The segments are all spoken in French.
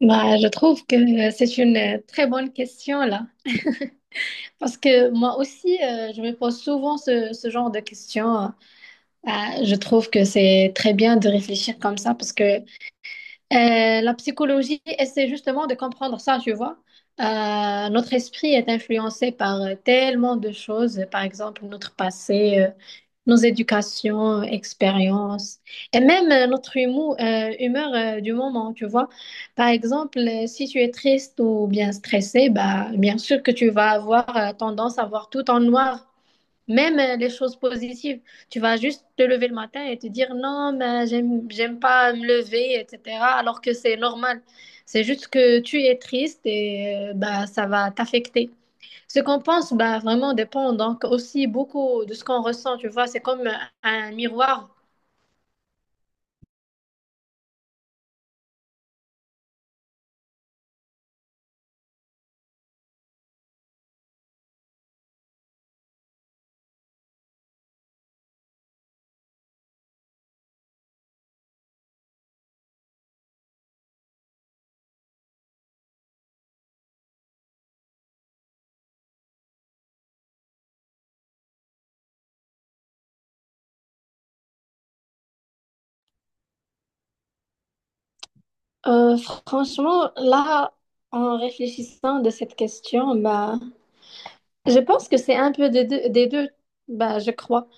Bah, je trouve que c'est une très bonne question là, parce que moi aussi, je me pose souvent ce genre de questions. Je trouve que c'est très bien de réfléchir comme ça, parce que la psychologie essaie justement de comprendre ça, tu vois. Notre esprit est influencé par tellement de choses, par exemple notre passé, nos éducations, expériences, et même notre humeur du moment, tu vois. Par exemple, si tu es triste ou bien stressé, bah, bien sûr que tu vas avoir tendance à voir tout en noir. Même les choses positives, tu vas juste te lever le matin et te dire non, mais j'aime pas me lever, etc. Alors que c'est normal. C'est juste que tu es triste et bah, ça va t'affecter. Ce qu'on pense, bah, vraiment dépend donc aussi beaucoup de ce qu'on ressent, tu vois. C'est comme un miroir. Euh, Franchement, là, en réfléchissant de cette question, bah, je pense que c'est un peu des deux, bah, je crois.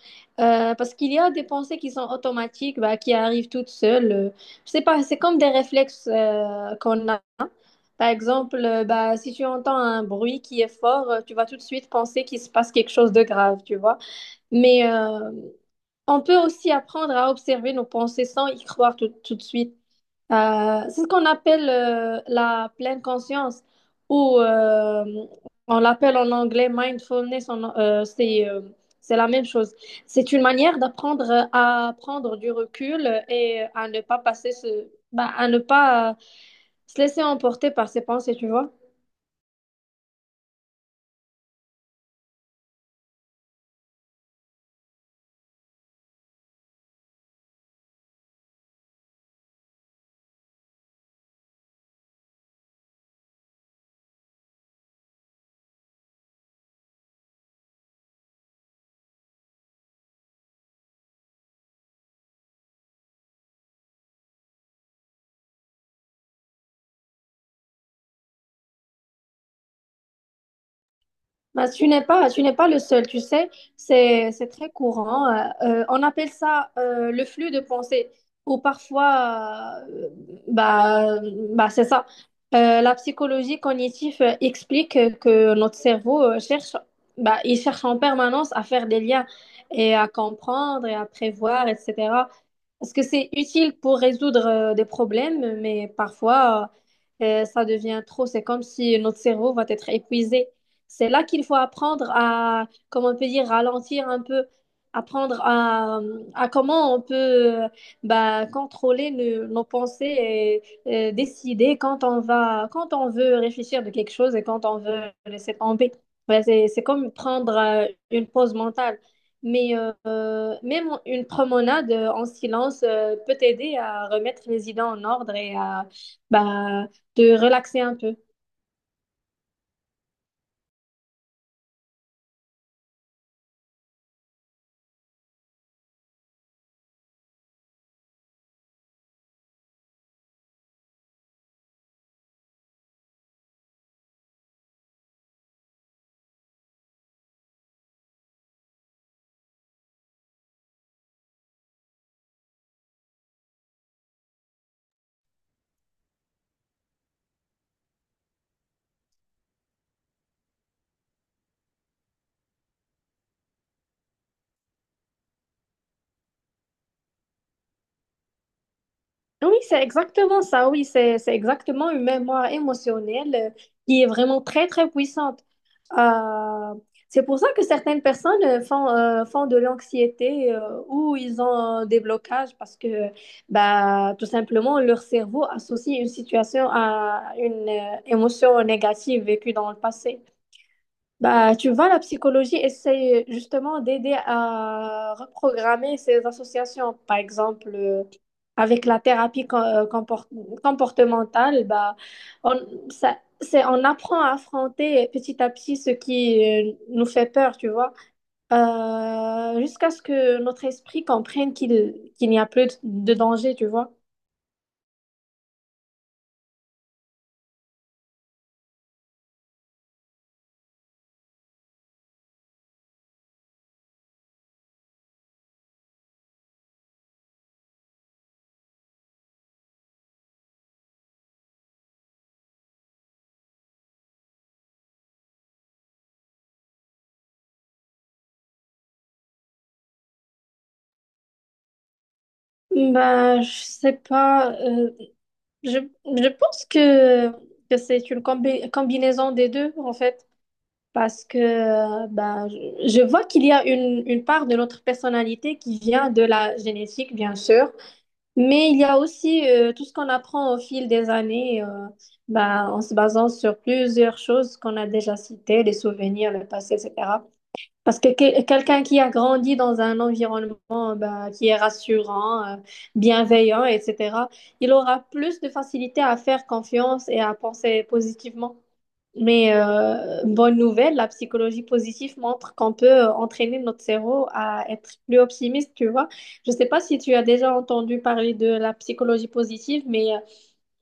Parce qu'il y a des pensées qui sont automatiques, bah, qui arrivent toutes seules. Je sais pas, c'est comme des réflexes qu'on a. Par exemple, bah, si tu entends un bruit qui est fort, tu vas tout de suite penser qu'il se passe quelque chose de grave, tu vois. Mais on peut aussi apprendre à observer nos pensées sans y croire tout de suite. C'est ce qu'on appelle la pleine conscience ou on l'appelle en anglais mindfulness, c'est la même chose. C'est une manière d'apprendre à prendre du recul et à ne pas à ne pas se laisser emporter par ses pensées, tu vois. Bah, tu n'es pas le seul, tu sais, c'est très courant. On appelle ça le flux de pensée, ou parfois, bah, bah, c'est ça. La psychologie cognitive explique que notre cerveau cherche, bah, il cherche en permanence à faire des liens et à comprendre et à prévoir, etc. Parce que c'est utile pour résoudre des problèmes, mais parfois, ça devient trop. C'est comme si notre cerveau va être épuisé. C'est là qu'il faut apprendre à, comment on peut dire, ralentir un peu, apprendre à comment on peut euh, bah, contrôler nos pensées et décider quand on quand on veut réfléchir de quelque chose et quand on veut laisser tomber. Ouais, c'est comme prendre une pause mentale. Mais même une promenade en silence peut t'aider à remettre les idées en ordre et à bah, te relaxer un peu. Oui, c'est exactement ça. Oui, c'est exactement une mémoire émotionnelle qui est vraiment très puissante. Euh, c'est pour ça que certaines personnes font de l'anxiété ou ils ont des blocages parce que bah, tout simplement leur cerveau associe une situation à une émotion négative vécue dans le passé. Bah, tu vois, la psychologie essaye justement d'aider à reprogrammer ces associations. Par exemple, avec la comportementale, on, on apprend à affronter petit à petit ce qui nous fait peur, tu vois. Jusqu'à ce que notre esprit comprenne qu'il n'y a plus de danger, tu vois. Ben, je sais pas. Je, je pense que c'est une combinaison des deux, en fait. Parce que je vois qu'il y a une part de notre personnalité qui vient de la génétique, bien sûr, mais il y a aussi tout ce qu'on apprend au fil des années, ben, en se basant sur plusieurs choses qu'on a déjà citées, les souvenirs, le passé, etc. Parce quelqu'un qui a grandi dans un environnement ben, qui est rassurant, bienveillant, etc., il aura plus de facilité à faire confiance et à penser positivement. Mais bonne nouvelle, la psychologie positive montre qu'on peut entraîner notre cerveau à être plus optimiste, tu vois. Je ne sais pas si tu as déjà entendu parler de la psychologie positive, mais euh,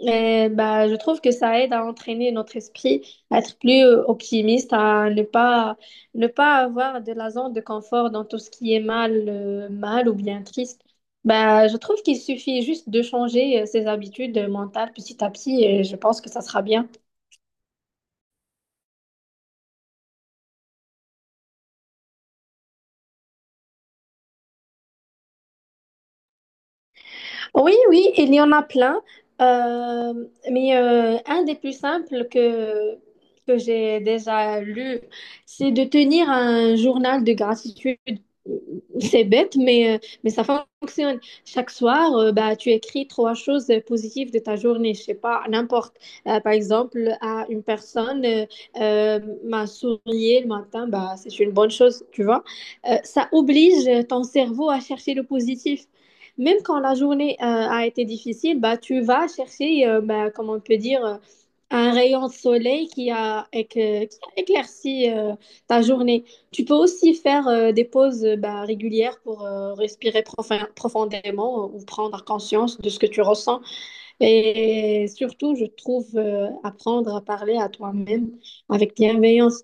euh, bah, je trouve que ça aide à entraîner notre esprit à être plus optimiste, à ne pas avoir de la zone de confort dans tout ce qui est mal, mal ou bien triste. Bah, je trouve qu'il suffit juste de changer ses habitudes mentales petit à petit et je pense que ça sera bien. Oui, oui, il y en a plein. Euh, mais un des plus simples que j'ai déjà lu, c'est de tenir un journal de gratitude. C'est bête, mais ça fonctionne. Chaque soir, bah, tu écris trois choses positives de ta journée, je sais pas, n'importe. Par exemple, à une personne euh, m'a sourié le matin, bah, c'est une bonne chose, tu vois. Ça oblige ton cerveau à chercher le positif. Même quand la journée a été difficile, bah, tu vas chercher, bah, comment on peut dire, un rayon de soleil qui a éclairci ta journée. Tu peux aussi faire des pauses bah, régulières pour respirer profondément ou prendre conscience de ce que tu ressens. Et surtout, je trouve apprendre à parler à toi-même avec bienveillance.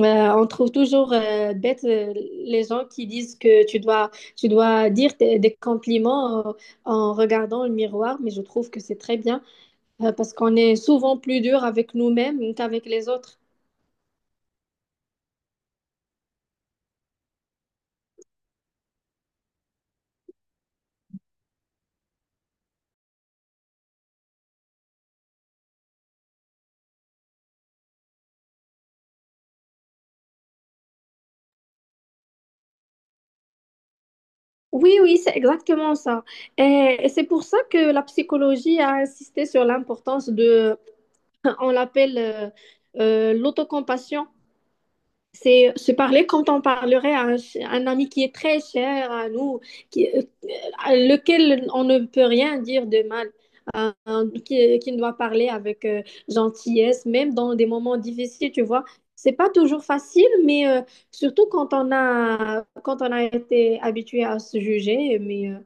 On trouve toujours bête les gens qui disent que tu dois dire des compliments en regardant le miroir, mais je trouve que c'est très bien parce qu'on est souvent plus dur avec nous-mêmes qu'avec les autres. Oui, oui, c'est exactement ça. Et c'est pour ça que la psychologie a insisté sur l'importance de, on l'appelle l'autocompassion. C'est se parler quand on parlerait à un ami qui est très cher à nous, qui, euh, à lequel on ne peut rien dire de mal, qui doit parler avec gentillesse, même dans des moments difficiles, tu vois. C'est pas toujours facile, mais surtout quand on a été habitué à se juger, mais euh,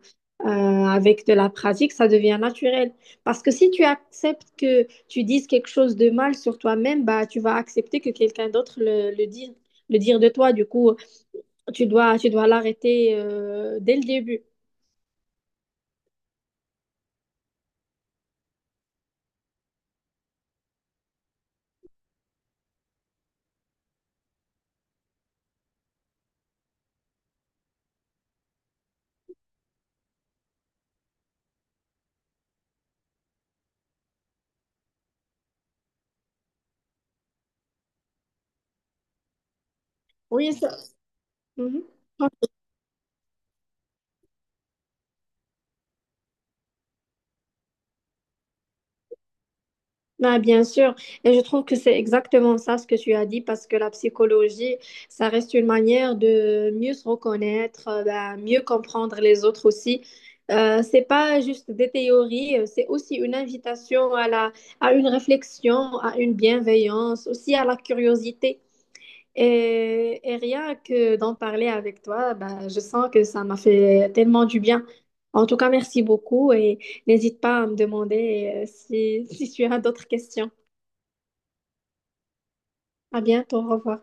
euh, avec de la pratique, ça devient naturel. Parce que si tu acceptes que tu dises quelque chose de mal sur toi-même, bah, tu vas accepter que quelqu'un d'autre le dise le dire de toi. Du coup, tu dois l'arrêter dès le début. Oui, ça. Mhm. Ah, bien sûr, et je trouve que c'est exactement ça ce que tu as dit parce que la psychologie, ça reste une manière de mieux se reconnaître, ben, mieux comprendre les autres aussi. C'est pas juste des théories, c'est aussi une invitation à la, à une réflexion, à une bienveillance, aussi à la curiosité. Et rien que d'en parler avec toi, bah, je sens que ça m'a fait tellement du bien. En tout cas, merci beaucoup et n'hésite pas à me demander si, si tu as d'autres questions. À bientôt, au revoir.